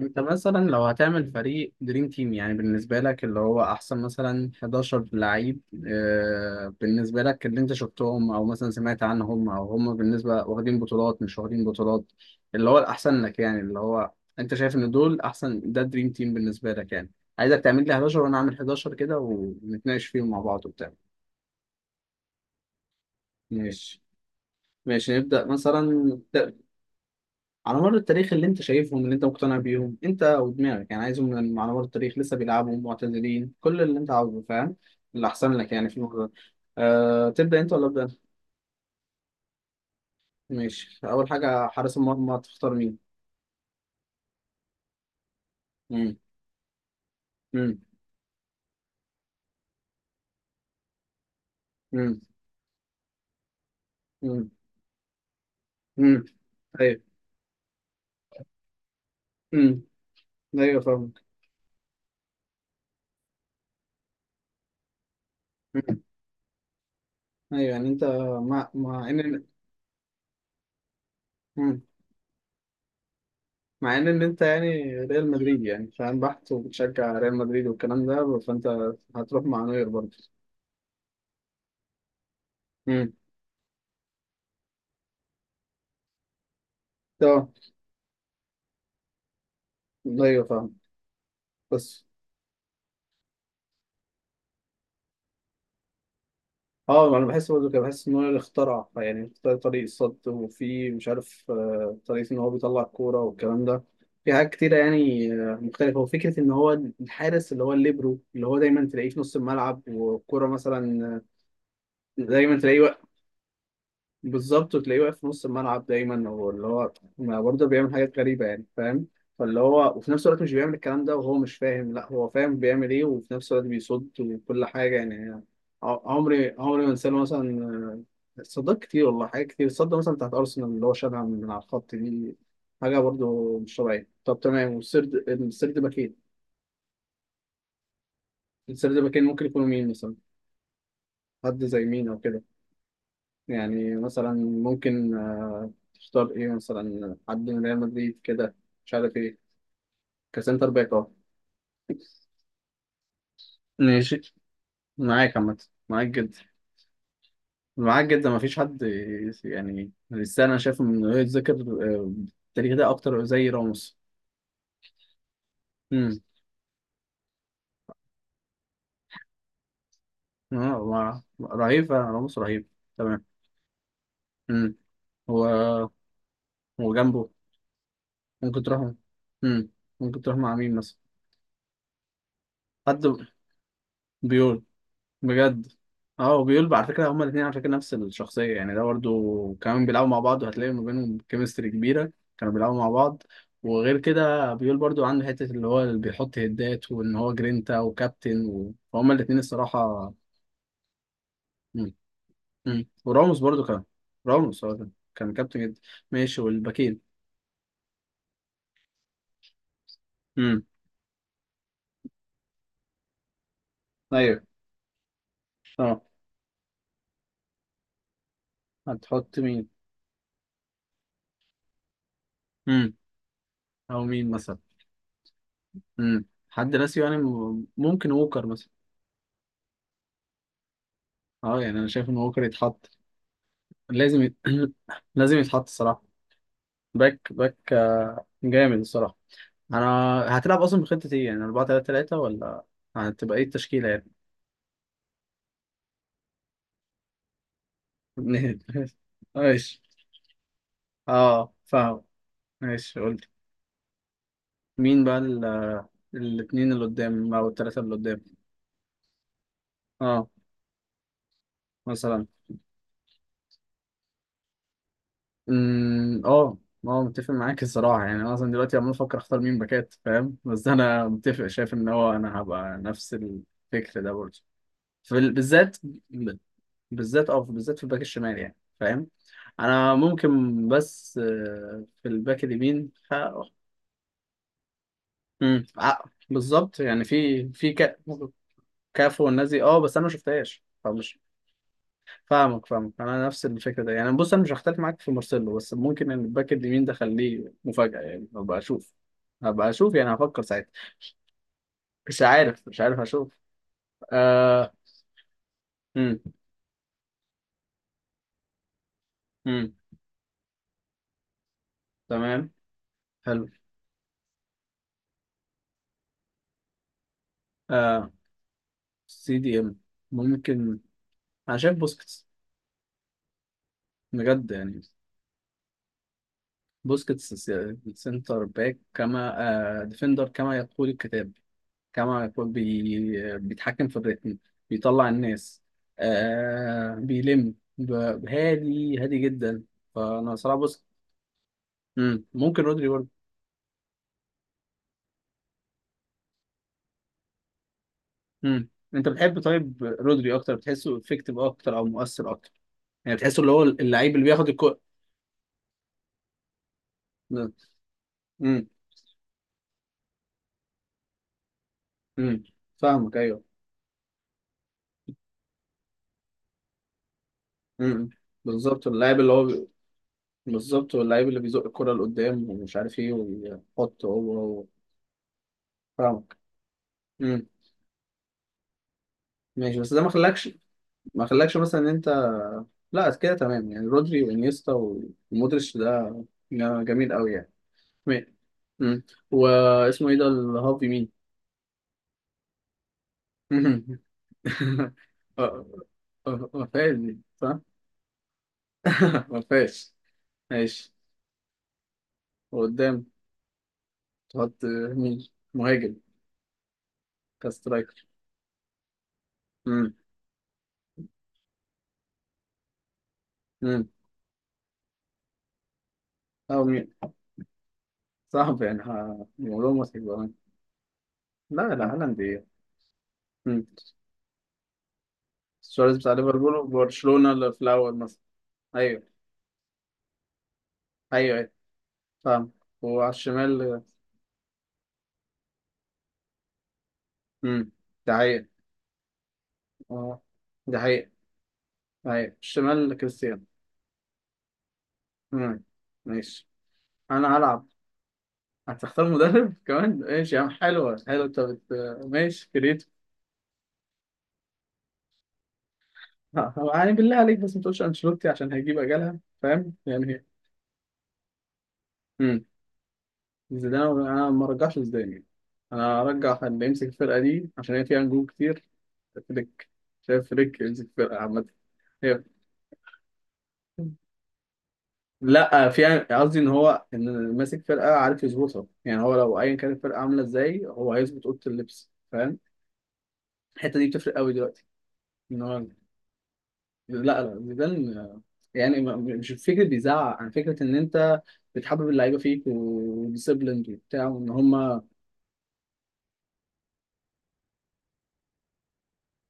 انت مثلا لو هتعمل فريق دريم تيم، يعني بالنسبة لك اللي هو احسن مثلا 11 لعيب. بالنسبة لك اللي انت شفتهم او مثلا سمعت عنهم، او هم بالنسبة واخدين بطولات مش واخدين بطولات، اللي هو الاحسن لك، يعني اللي هو انت شايف ان دول احسن، ده دريم تيم بالنسبة لك يعني. عايزك تعمل لي 11 وانا اعمل 11، كده ونتناقش فيهم مع بعض وبتاع. ماشي، ماشي نبدأ مثلا. على مر التاريخ اللي انت شايفهم، اللي انت مقتنع بيهم انت ودماغك، يعني عايزهم على مر التاريخ، لسه بيلعبوا، معتزلين، كل اللي انت عاوزه، فاهم؟ اللي احسن لك يعني في الموضوع ده. تبدأ انت ولا ابدأ أنا؟ ماشي، اول حاجة حارس المرمى تختار مين؟ امم امم امم امم امم ايوه. امم ايوه فاهمك. مم. ايوه يعني انت، مع ان. مم. مع ان انت يعني ريال مدريد، يعني فاهم، بحت وبتشجع ريال مدريد والكلام ده، فانت هتروح مع نوير برضه. امم طب، ايوه فاهم، بس. اه انا بحس برضه كده، بحس ان هو اللي اخترع، يعني اختار طريق الصد، وفي مش عارف طريقة ان هو بيطلع الكورة والكلام ده. في حاجات كتيرة يعني مختلفة، وفكرة ان هو الحارس اللي هو الليبرو، اللي هو دايما تلاقيه في نص الملعب والكورة مثلا. دايما تلاقيه. بالظبط، وتلاقيه واقف في نص الملعب دايما، واللي هو ما برضه بيعمل حاجات غريبة، يعني فاهم؟ فاللي هو، وفي نفس الوقت مش بيعمل الكلام ده وهو مش فاهم، لا هو فاهم بيعمل ايه، وفي نفس الوقت بيصد وكل حاجة يعني. عمري ما انساه مثلا، صدق كتير والله، حاجات كتير صدق مثلا بتاعت أرسنال اللي هو شالها من على الخط دي، حاجة برضه مش طبيعية. طب تمام، السرد باكين، السرد باكين ممكن يكونوا مين مثلا؟ حد زي مين أو كده؟ يعني مثلا، ممكن تختار ايه، مثلا حد من ريال مدريد كده، مش عارف ايه. كسنتر باك، اه. ماشي، معاك عامة. معاك جدا، معاك جدا، مفيش حد يعني لسه انا شايف انه يتذكر آه، التاريخ ده اكتر زي راموس. امم، رهيب فعلا راموس، رهيب. تمام، امم. هو، هو جنبه ممكن تروح. امم، ممكن تروح مع مين مثلا؟ حد؟ بيول؟ بجد؟ اه، وبيقول على فكره هما الاثنين على فكره نفس الشخصيه، يعني ده برضه كمان بيلعبوا مع بعض، وهتلاقي ما بينهم كيمستري كبيره، كانوا بيلعبوا مع بعض. وغير كده بيقول برضه عنده حته اللي هو اللي بيحط هدات، وان هو جرينتا وكابتن وهما الاثنين الصراحه. مم. مم. وراموس برضه كان، راموس هو كان كابتن جدا. ماشي، والباكين؟ امم، ايوه. اه، هتحط مين؟ امم، او مين مثلا؟ امم، حد ناسي يعني، ممكن ووكر مثلا؟ اه يعني انا شايف ان ووكر يتحط، لازم لازم يتحط الصراحة. باك باك جامد الصراحة. أنا هتلعب أصلا بخطة إيه يعني، 4 3 3 ولا، هتبقى إيه التشكيلة يعني؟ ماشي، أه فاهم. ماشي قلت، مين بقى ال... آه، الاتنين اللي قدام أو التلاتة اللي قدام؟ أه، مثلا. أمم، أه. أه متفق معاك الصراحة، يعني أنا أصلا دلوقتي عمال أفكر أختار مين باكات فاهم، بس أنا متفق، شايف إن هو أنا هبقى نفس الفكر ده برضه، بالذات، بالذات اه، بالذات في الباك الشمال يعني فاهم. انا ممكن بس في الباك اليمين مم، بالظبط يعني، كافو والناس دي اه، بس انا ما شفتهاش فمش. فاهمك، فاهمك، انا نفس الفكره ده، يعني بص انا مش هختلف معاك في مارسيلو، بس ممكن ان الباك اليمين ده خليه مفاجاه، يعني هبقى اشوف، هبقى اشوف، يعني هفكر ساعتها. مش عارف، مش عارف اشوف. آه. امم، امم، تمام. حلو. آه، سي دي ام ممكن. انا شايف بوسكيتس، بجد يعني. بوسكيتس، سنتر باك كما، آه، ديفندر كما يقول الكتاب، كما يقول بي بيتحكم في الريتم، بيطلع الناس، آه بيلم، هادي، هادي جدا. فانا صراحه بص. مم. ممكن رودري برضه. مم. انت بتحب طيب رودري اكتر، بتحسه افكتيف اكتر او مؤثر اكتر، يعني بتحسه اللي هو اللعيب اللي بياخد الكو. مم. مم. فاهمك ايوه. مم. بالظبط، اللاعب اللي هو، بالظبط واللعيب اللي بيزق الكرة لقدام، ومش عارف ايه، ويحط هو فاهمك. امم. ماشي، بس ده ما خلاكش، ما خلاكش مثلا ان انت، لا كده تمام يعني، رودري وانيستا ومودريتش ده، ده جميل قوي يعني. ماشي. امم. واسمه ايه ده الهافي مين؟ آه، ما فيهاش دي صح. ما فيهاش. ماشي، وقدام تحط مين؟ مهاجم؟ كاسترايكر. امم، امم. او مين؟ صعب يعني، الموضوع مصعب. لا لا، هالاند، ايه. مم. سواريز بتاع ليفربول وبرشلونة اللي في الأول مثلا. أيوه، أيوه. أيوه فاهم. وعلى الشمال؟ امم. ده حقيقة، اه، ده حقيقة. أيوه، الشمال كريستيانو. امم. ماشي. أنا هلعب، هتختار مدرب كمان؟ ماشي يا عم، حلوة حلوة، ماشي كريتو. هو يعني بالله عليك بس ما تقولش أنشيلوتي، عشان هيجيب أجلها فاهم يعني. امم. زيدان أنا ما رجعش زيدان يعني. أنا هرجع اللي يمسك الفرقة دي، عشان هي فيها نجوم كتير. فليك. شايف فليك يمسك فرقة عامة. هي- لا في يعني، قصدي ان هو ان ماسك فرقة عارف يظبطها، يعني هو لو ايا كانت الفرقة عاملة ازاي، هو هيظبط اوضة اللبس، فاهم؟ الحتة دي بتفرق قوي دلوقتي. ان هو، لا لا، زيدان، يعني مش فكرة بيزعق، عن فكرة ان انت بتحبب اللعيبة فيك، وديسيبلند وبتاع، وان هما.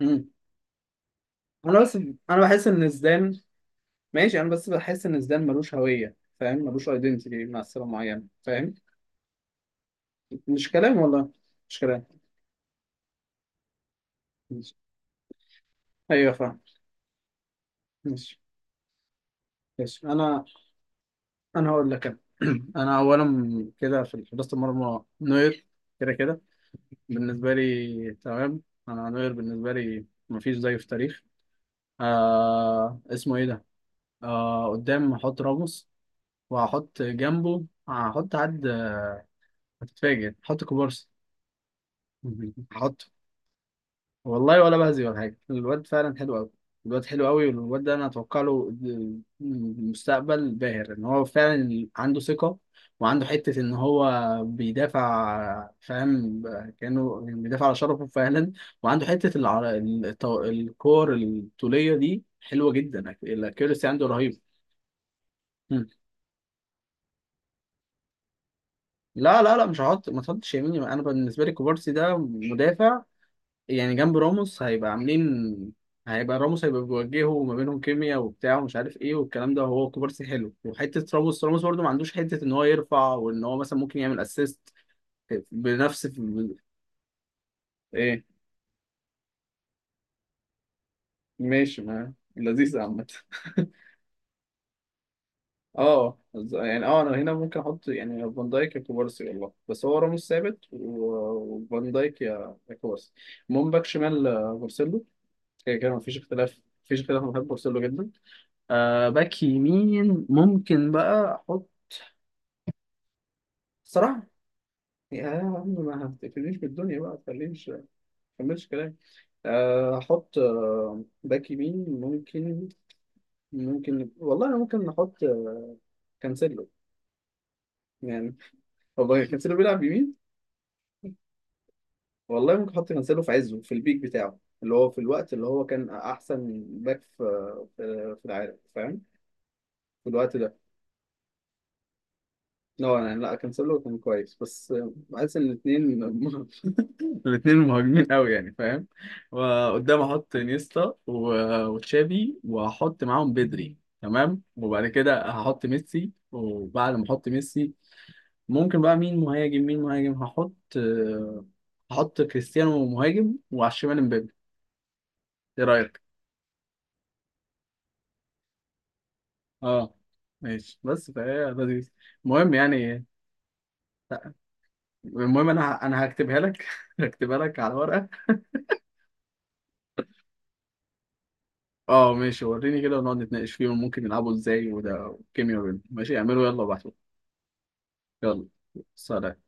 مم. انا بس، انا بحس ان زيدان، ماشي انا بس بحس ان زيدان ملوش هوية، فاهم؟ ملوش ايدنتيتي مع سلة معينة فاهم. مش كلام والله، مش كلام. ماشي. ايوه فاهم. ماشي، ماشي انا، انا هقول لك، انا انا اولا كده في حراسه المرمى نوير، كده بالنسبه لي تمام. انا نوير بالنسبه لي مفيش زيه في التاريخ. آه، اسمه ايه ده. آه، قدام هحط راموس، وهحط جنبه، هحط حد هتتفاجئ، هحط كوبارسي. هحط، والله ولا بهزي ولا حاجة، الواد فعلا حلو أوي. الواد حلو أوي، والواد ده أنا أتوقع له مستقبل باهر، إن هو فعلا عنده ثقة، وعنده حتة إن هو بيدافع فاهم، كأنه بيدافع على شرفه فعلا، وعنده حتة الكور الطولية دي حلوة جدا، الأكيرسي عنده رهيب. مم. لا مش هحط، ما تحطش يميني. أنا بالنسبة لي كوبارسي ده مدافع، يعني جنب راموس هيبقى عاملين، هيبقى راموس هيبقى بيوجهه، ما بينهم كيميا وبتاع ومش عارف ايه والكلام ده، وهو كوبارسي حلو، وحته راموس برده ما عندوش حته ان هو يرفع، وان هو مثلا ممكن يعمل اسيست بنفس ايه؟ ماشي، ما لذيذ عامة. اه يعني، اه انا هنا ممكن احط يعني فان دايك يا كوبارسي والله، بس هو راموس ثابت وفان دايك يا كوبارسي. المهم باك شمال بورسيلو، كده كده مفيش اختلاف، مفيش اختلاف، انا بحب بورسيلو جدا. آه، باك يمين ممكن بقى احط صراحة، يا عم ما هفتكرنيش بالدنيا بقى، تخلينيش ما تكملش كلام. احط باك يمين ممكن، ممكن والله، أنا ممكن نحط كانسيلو يعني، والله كانسيلو بيلعب يمين، والله ممكن احط كانسيلو في عزه، في البيك بتاعه اللي هو في الوقت اللي هو كان احسن باك في في العالم فاهم، في الوقت ده. لا يعني، لا كانسيلو كان كويس بس بحس ان الاثنين الاثنين مهاجمين قوي يعني فاهم. وقدام احط نيستا وتشافي، واحط معاهم بدري تمام، وبعد كده هحط ميسي، وبعد ما احط ميسي ممكن بقى مين مهاجم، مين مهاجم هحط هحط كريستيانو مهاجم، وعلى الشمال امبابي. ايه رايك؟ اه ماشي، بس فهي لذيذ. المهم يعني، المهم انا، انا هكتبها لك هكتبها لك على ورقه. اه ماشي وريني كده، ونقعد نتناقش فيهم ممكن يلعبوا ازاي، وده والكيميا بينهم. ماشي اعملوا، يلا بعد، يلا سلام.